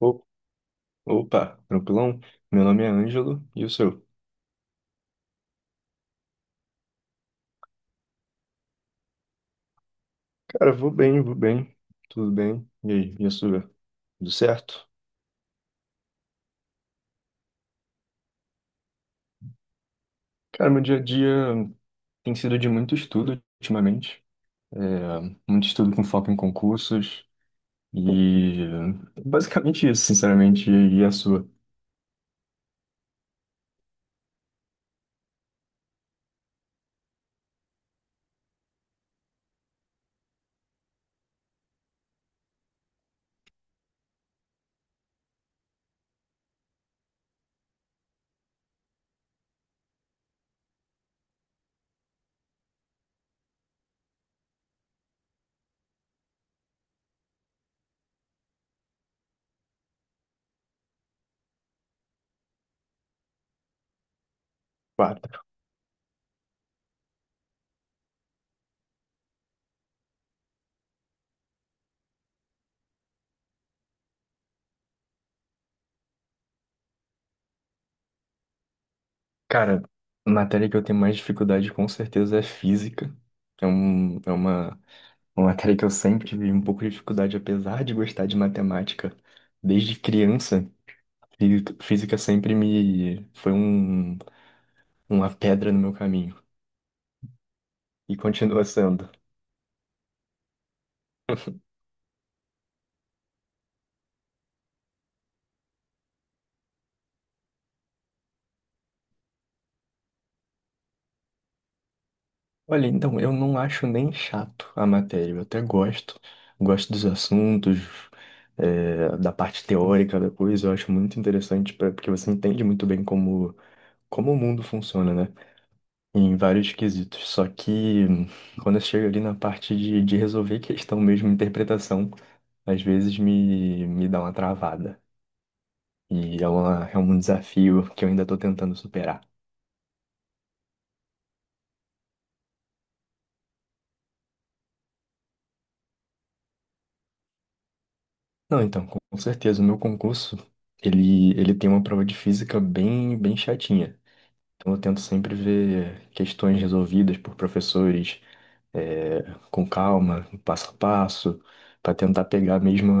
O- Opa, tranquilão? Meu nome é Ângelo e o seu? Cara, vou bem, tudo bem. E aí, e a sua? Tudo certo? Cara, meu dia a dia tem sido de muito estudo ultimamente, é, muito estudo com foco em concursos e basicamente isso, sinceramente, e a sua? Claro. Cara, a matéria que eu tenho mais dificuldade com certeza é física. É, uma matéria que eu sempre tive um pouco de dificuldade, apesar de gostar de matemática desde criança. E física sempre me foi uma pedra no meu caminho. E continua sendo. Olha, então, eu não acho nem chato a matéria. Eu até gosto. Gosto dos assuntos, da parte teórica da coisa. Eu acho muito interessante porque você entende muito bem como o mundo funciona, né? Em vários quesitos. Só que quando chega ali na parte de resolver questão mesmo, interpretação, às vezes me dá uma travada. E é um desafio que eu ainda estou tentando superar. Não, então, com certeza, o meu concurso, ele tem uma prova de física bem, bem chatinha. Então, eu tento sempre ver questões resolvidas por professores, é, com calma, passo a passo, para tentar pegar mesmo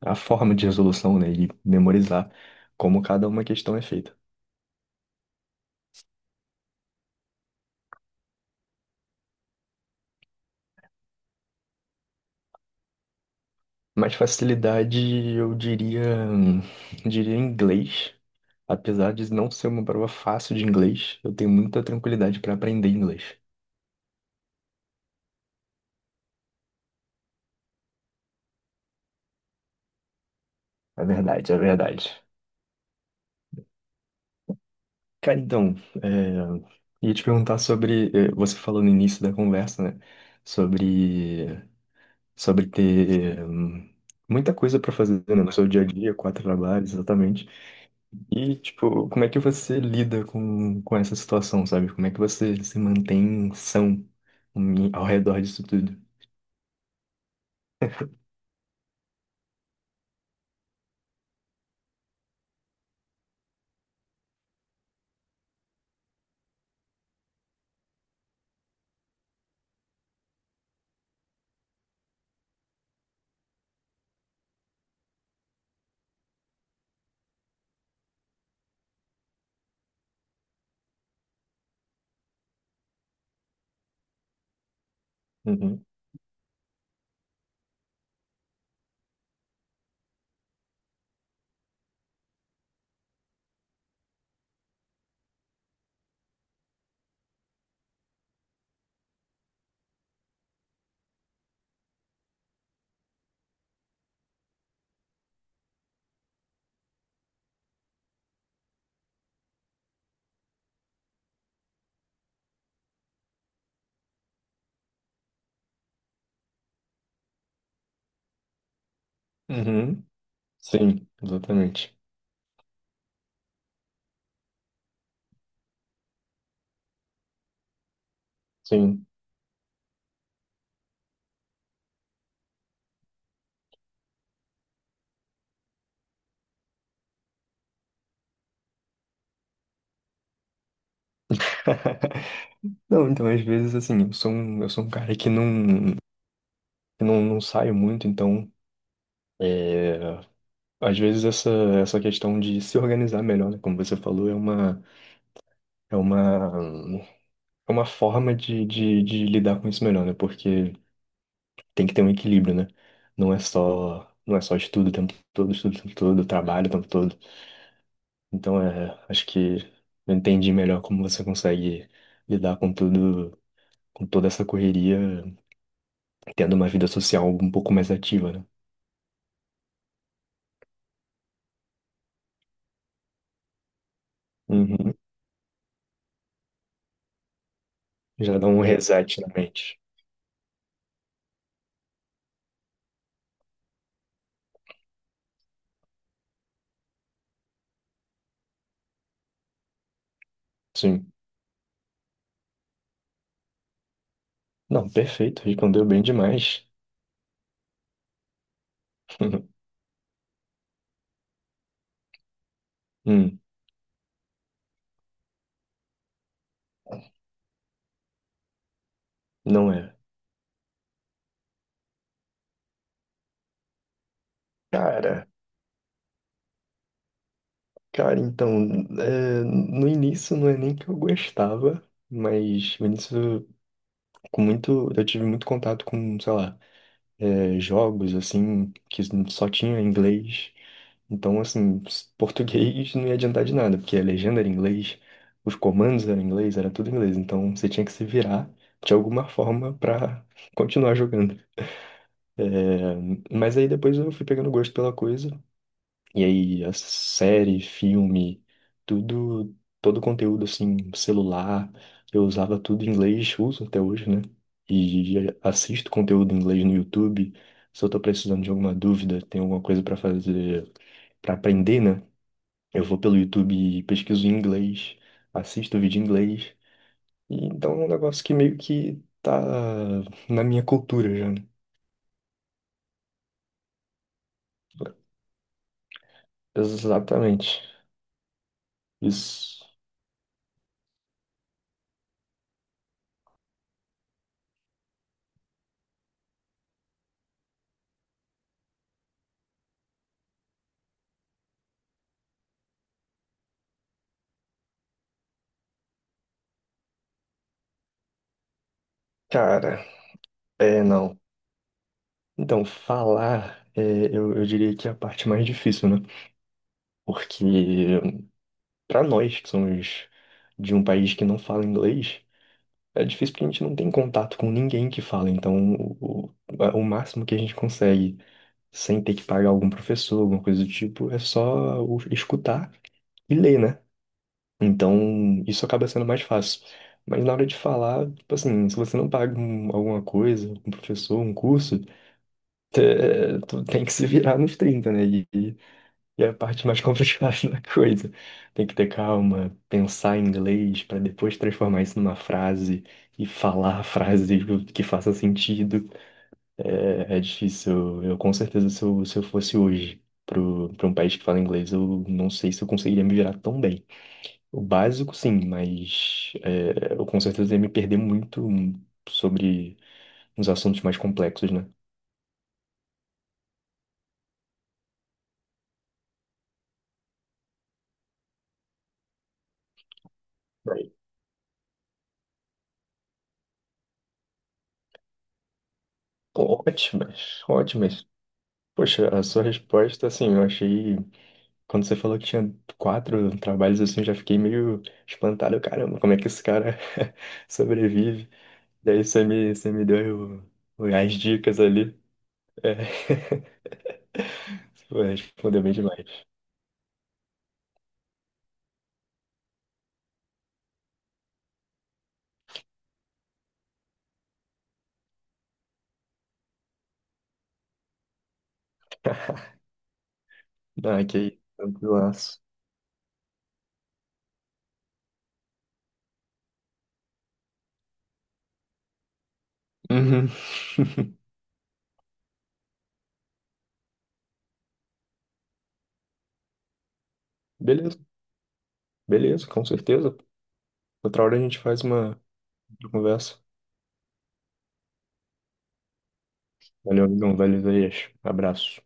a forma de resolução, né, e memorizar como cada uma questão é feita. Mais facilidade, eu diria, hum, inglês. Apesar de não ser uma prova fácil de inglês, eu tenho muita tranquilidade para aprender inglês. É verdade, é verdade. Cara, então, é, ia te perguntar sobre, você falou no início da conversa, né? Sobre, sobre ter muita coisa para fazer, né? No seu dia a dia, quatro trabalhos, exatamente. E, tipo, como é que você lida com essa situação, sabe? Como é que você se mantém são ao redor disso tudo? Uhum. Uhum. Sim, exatamente. Sim. Não, então, às vezes, assim, eu sou um cara que não saio muito, então, é, às vezes essa questão de se organizar melhor, né, como você falou, é uma, é uma forma de lidar com isso melhor, né, porque tem que ter um equilíbrio, né, não é só, não é só estudo o tempo todo, estudo o tempo todo, trabalho o tempo todo, então, acho que eu entendi melhor como você consegue lidar com tudo, com toda essa correria tendo uma vida social um pouco mais ativa, né? Uhum. Já dá um reset na mente. Sim. Não, perfeito, respondeu bem demais. Hum, não é. Cara, cara, então, no início não é nem que eu gostava, mas no início, eu tive muito contato com, sei lá, jogos, assim, que só tinha inglês. Então, assim, português não ia adiantar de nada, porque a legenda era em inglês, os comandos eram em inglês, era tudo em inglês. Então, você tinha que se virar de alguma forma pra continuar jogando. É, mas aí depois eu fui pegando gosto pela coisa. E aí, a série, filme, tudo, todo o conteúdo assim, celular, eu usava tudo em inglês, uso até hoje, né? E assisto conteúdo em inglês no YouTube. Se eu tô precisando de alguma dúvida, tem alguma coisa pra fazer, pra aprender, né? Eu vou pelo YouTube e pesquiso em inglês, assisto vídeo em inglês. E então é um negócio que meio que tá na minha cultura já, né? Exatamente. Isso. Cara, é não. Então, falar, eu diria que é a parte mais difícil, né? Porque para nós que somos de um país que não fala inglês, é difícil porque a gente não tem contato com ninguém que fala. Então, o máximo que a gente consegue, sem ter que pagar algum professor, alguma coisa do tipo, é só escutar e ler, né? Então, isso acaba sendo mais fácil. Mas na hora de falar, tipo assim, se você não paga alguma coisa, um professor, um curso. Tu tem que se virar nos 30, né? E é a parte mais complicada da coisa. Tem que ter calma, pensar em inglês para depois transformar isso numa frase e falar a frase que faça sentido. É difícil. Eu, com certeza, se eu fosse hoje pra um país que fala inglês, eu não sei se eu conseguiria me virar tão bem. O básico, sim, mas eu com certeza ia me perder muito sobre uns assuntos mais complexos, né? Bem. Ótimas, ótimas. Poxa, a sua resposta, assim, eu achei. Quando você falou que tinha quatro trabalhos, assim, eu já fiquei meio espantado. Caramba, como é que esse cara sobrevive? Daí você me deu as dicas ali. É. Pô, respondeu bem demais. Ah, que aí, tranquilaço. Uhum. Beleza, beleza, com certeza. Outra hora a gente faz uma outra conversa. Valeu, amigão, valeu, Isaías. Abraço.